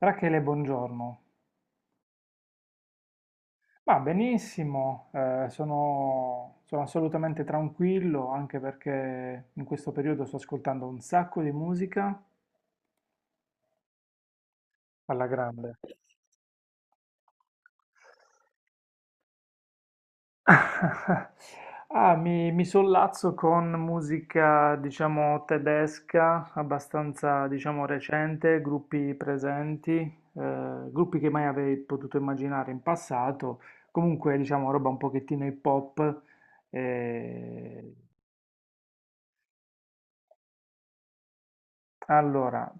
Rachele, buongiorno. Ma benissimo, sono assolutamente tranquillo anche perché in questo periodo sto ascoltando un sacco di musica alla grande. Mi sollazzo con musica, diciamo, tedesca, abbastanza, diciamo, recente, gruppi presenti, gruppi che mai avrei potuto immaginare in passato, comunque, diciamo, roba un pochettino hip hop. eh, Allora,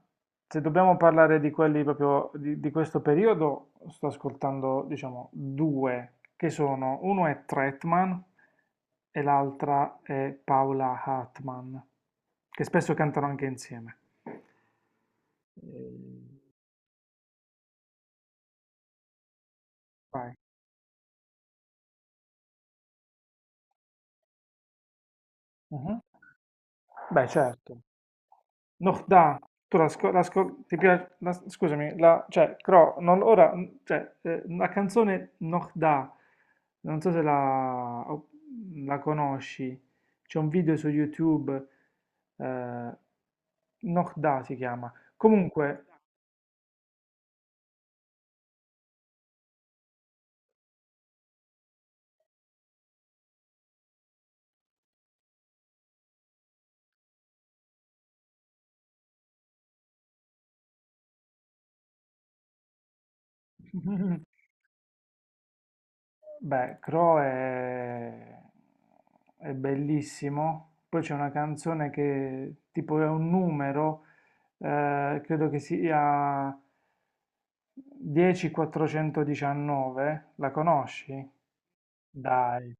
se dobbiamo parlare di quelli proprio di questo periodo, sto ascoltando, diciamo, due che sono, uno è Tretman e l'altra è Paola Hartman, che spesso cantano anche insieme. Eh, Vai. Mhm. Beh, certo. No, da, tu la, ti piace, scusami, la, cioè, Cro, non, ora, cioè, la canzone Noch da, non so se la, la conosci, c'è un video su YouTube, eh, Noch da si chiama. Comunque, beh, Cro è bellissimo, poi c'è una canzone che tipo è un numero, credo che sia... Dieci quattrocentodiciannove? La conosci? Dai.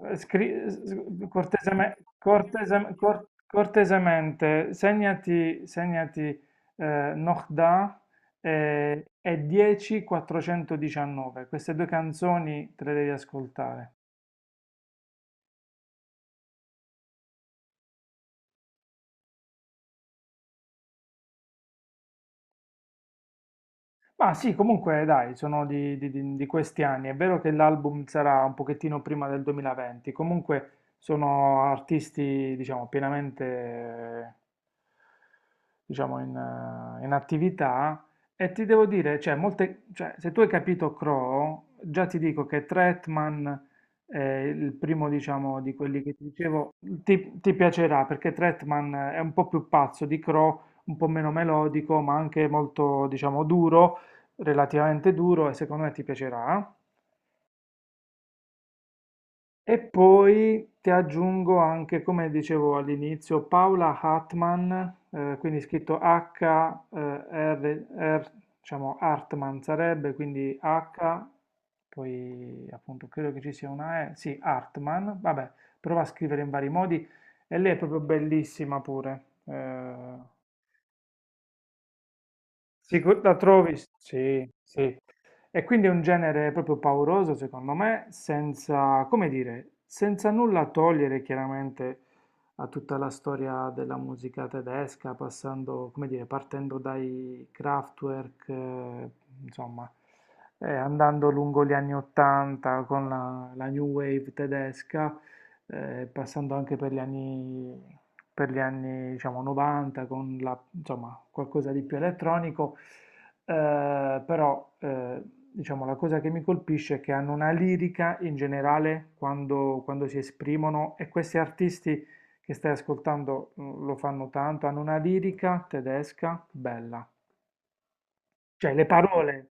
Cortesemente, segnati Nohda e 10.419. Queste due canzoni te le devi ascoltare. Ma sì, comunque dai, sono di questi anni. È vero che l'album sarà un pochettino prima del 2020, comunque sono artisti, diciamo, pienamente, diciamo, in attività. E ti devo dire, cioè, molte, cioè, se tu hai capito Crow, già ti dico che Tretman è il primo, diciamo, di quelli che ti dicevo, ti piacerà perché Tretman è un po' più pazzo di Crow, un po' meno melodico, ma anche molto, diciamo, duro relativamente duro e secondo me ti piacerà. E poi ti aggiungo anche, come dicevo all'inizio, Paula Hartman, quindi scritto H-R, diciamo Hartman sarebbe, quindi H, poi appunto credo che ci sia una E, sì, Hartman, vabbè, prova a scrivere in vari modi e lei è proprio bellissima pure. La trovi? Sì, sì. E quindi è un genere proprio pauroso, secondo me, senza, come dire, senza nulla togliere chiaramente a tutta la storia della musica tedesca, passando, come dire, partendo dai Kraftwerk, insomma, andando lungo gli anni 80 con la, la new wave tedesca, passando anche per gli anni diciamo, 90 con la, insomma, qualcosa di più elettronico, però diciamo, la cosa che mi colpisce è che hanno una lirica in generale quando, quando si esprimono e questi artisti che stai ascoltando mm, lo fanno tanto, hanno una lirica tedesca bella, cioè le parole.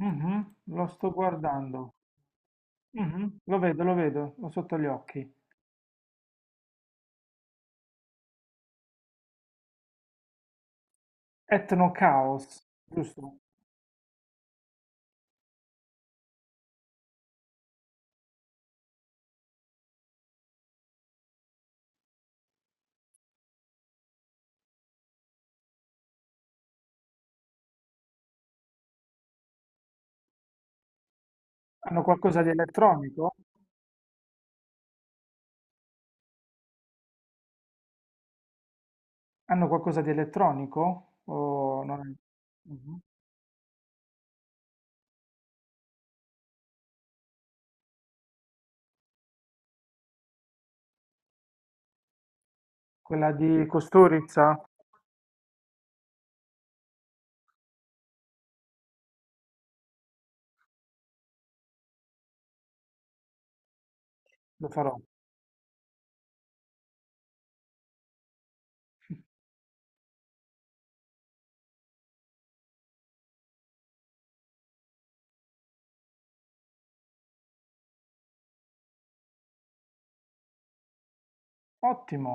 Mhm, lo sto guardando. Mhm, lo vedo, ho sotto gli occhi. Etno Chaos, giusto? Hanno qualcosa di elettronico? Hanno qualcosa di elettronico? O non è- Mhm. Quella di Costurizza? Lo farò. Ottimo.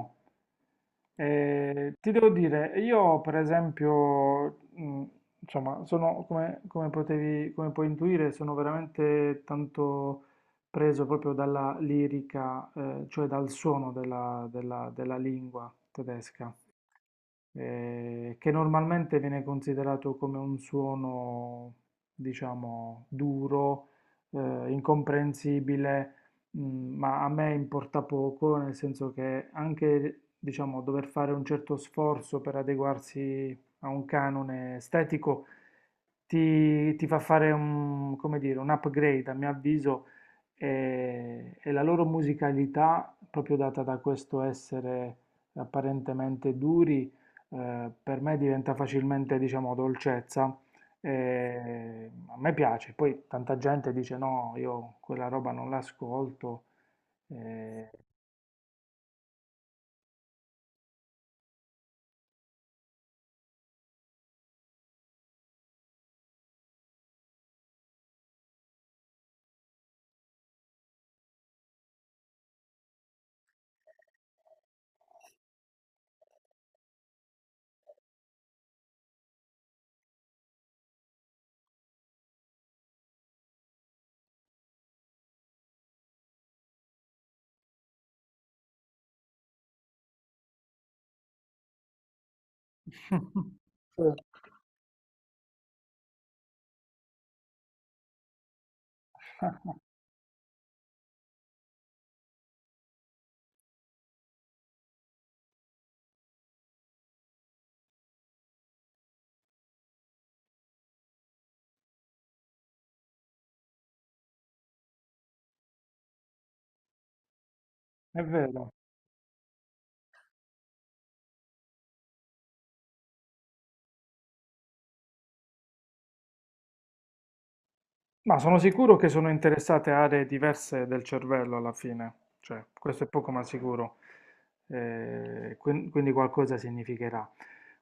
Ti devo dire, io per esempio, insomma, sono come, come potevi, come puoi intuire, sono veramente tanto preso proprio dalla lirica, cioè dal suono della della lingua tedesca. Che normalmente viene considerato come un suono, diciamo, duro, eh, incomprensibile, mm, ma a me importa poco, nel senso che anche, diciamo, dover fare un certo sforzo per adeguarsi a un canone estetico ti fa fare un, come dire, un upgrade, a mio avviso, e la loro musicalità, proprio data da questo essere apparentemente duri, per me diventa facilmente, diciamo, dolcezza. E a me piace, poi tanta gente dice no, io quella roba non l'ascolto. eh, Mm. È vero. Ma sono sicuro che sono interessate aree diverse del cervello alla fine, cioè questo è poco ma sicuro. Quindi qualcosa significherà.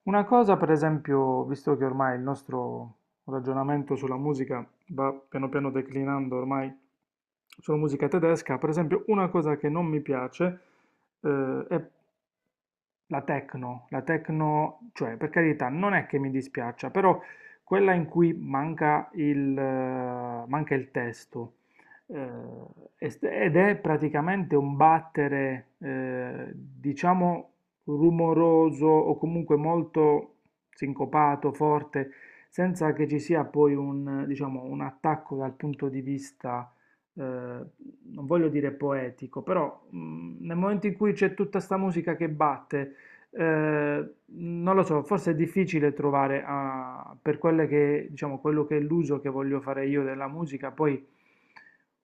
Una cosa, per esempio, visto che ormai il nostro ragionamento sulla musica va piano piano declinando ormai sulla musica tedesca, per esempio, una cosa che non mi piace, è la techno, cioè per carità, non è che mi dispiaccia, però quella in cui manca il testo eh, ed è praticamente un battere, diciamo, rumoroso o comunque molto sincopato, forte, senza che ci sia poi un, diciamo, un attacco dal punto di vista non voglio dire poetico, però nel momento in cui c'è tutta sta musica che batte non lo so, forse è difficile trovare ah, per quelle che, diciamo, quello che è l'uso che voglio fare io della musica, poi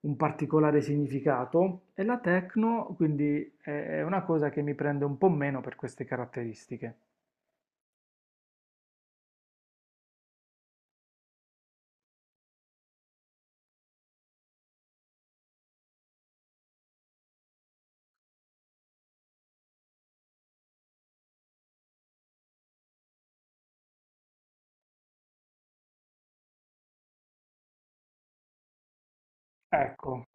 un particolare significato e la techno, quindi è una cosa che mi prende un po' meno per queste caratteristiche. Ecco,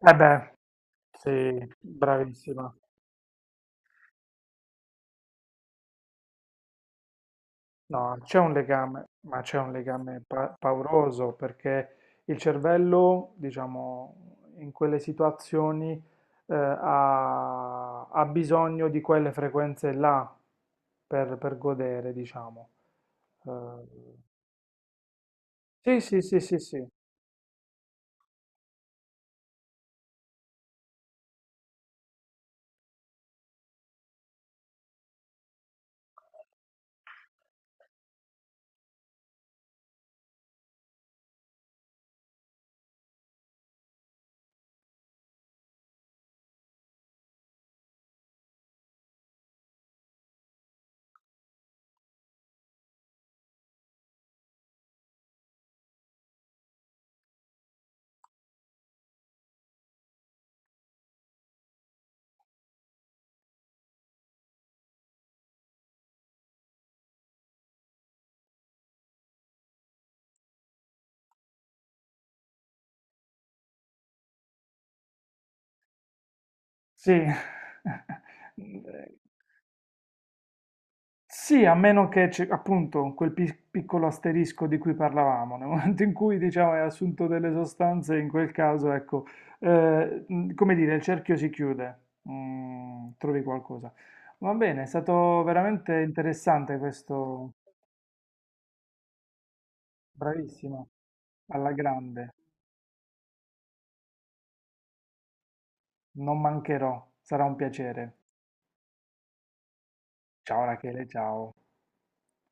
eh beh, sì, bravissima. No, c'è un legame, ma c'è un legame pauroso perché il cervello, diciamo, in quelle situazioni ha, ha bisogno di quelle frequenze là per godere, diciamo. Eh, sì, sì, sì, sì, sì, sì. Sì, a meno che, c'è, appunto, quel piccolo asterisco di cui parlavamo, nel momento in cui, diciamo, hai assunto delle sostanze, in quel caso, ecco, come dire, il cerchio si chiude. Mm, trovi qualcosa. Va bene, è stato veramente interessante questo, bravissimo, alla grande, non mancherò, sarà un piacere. Ciao Rachele, ciao.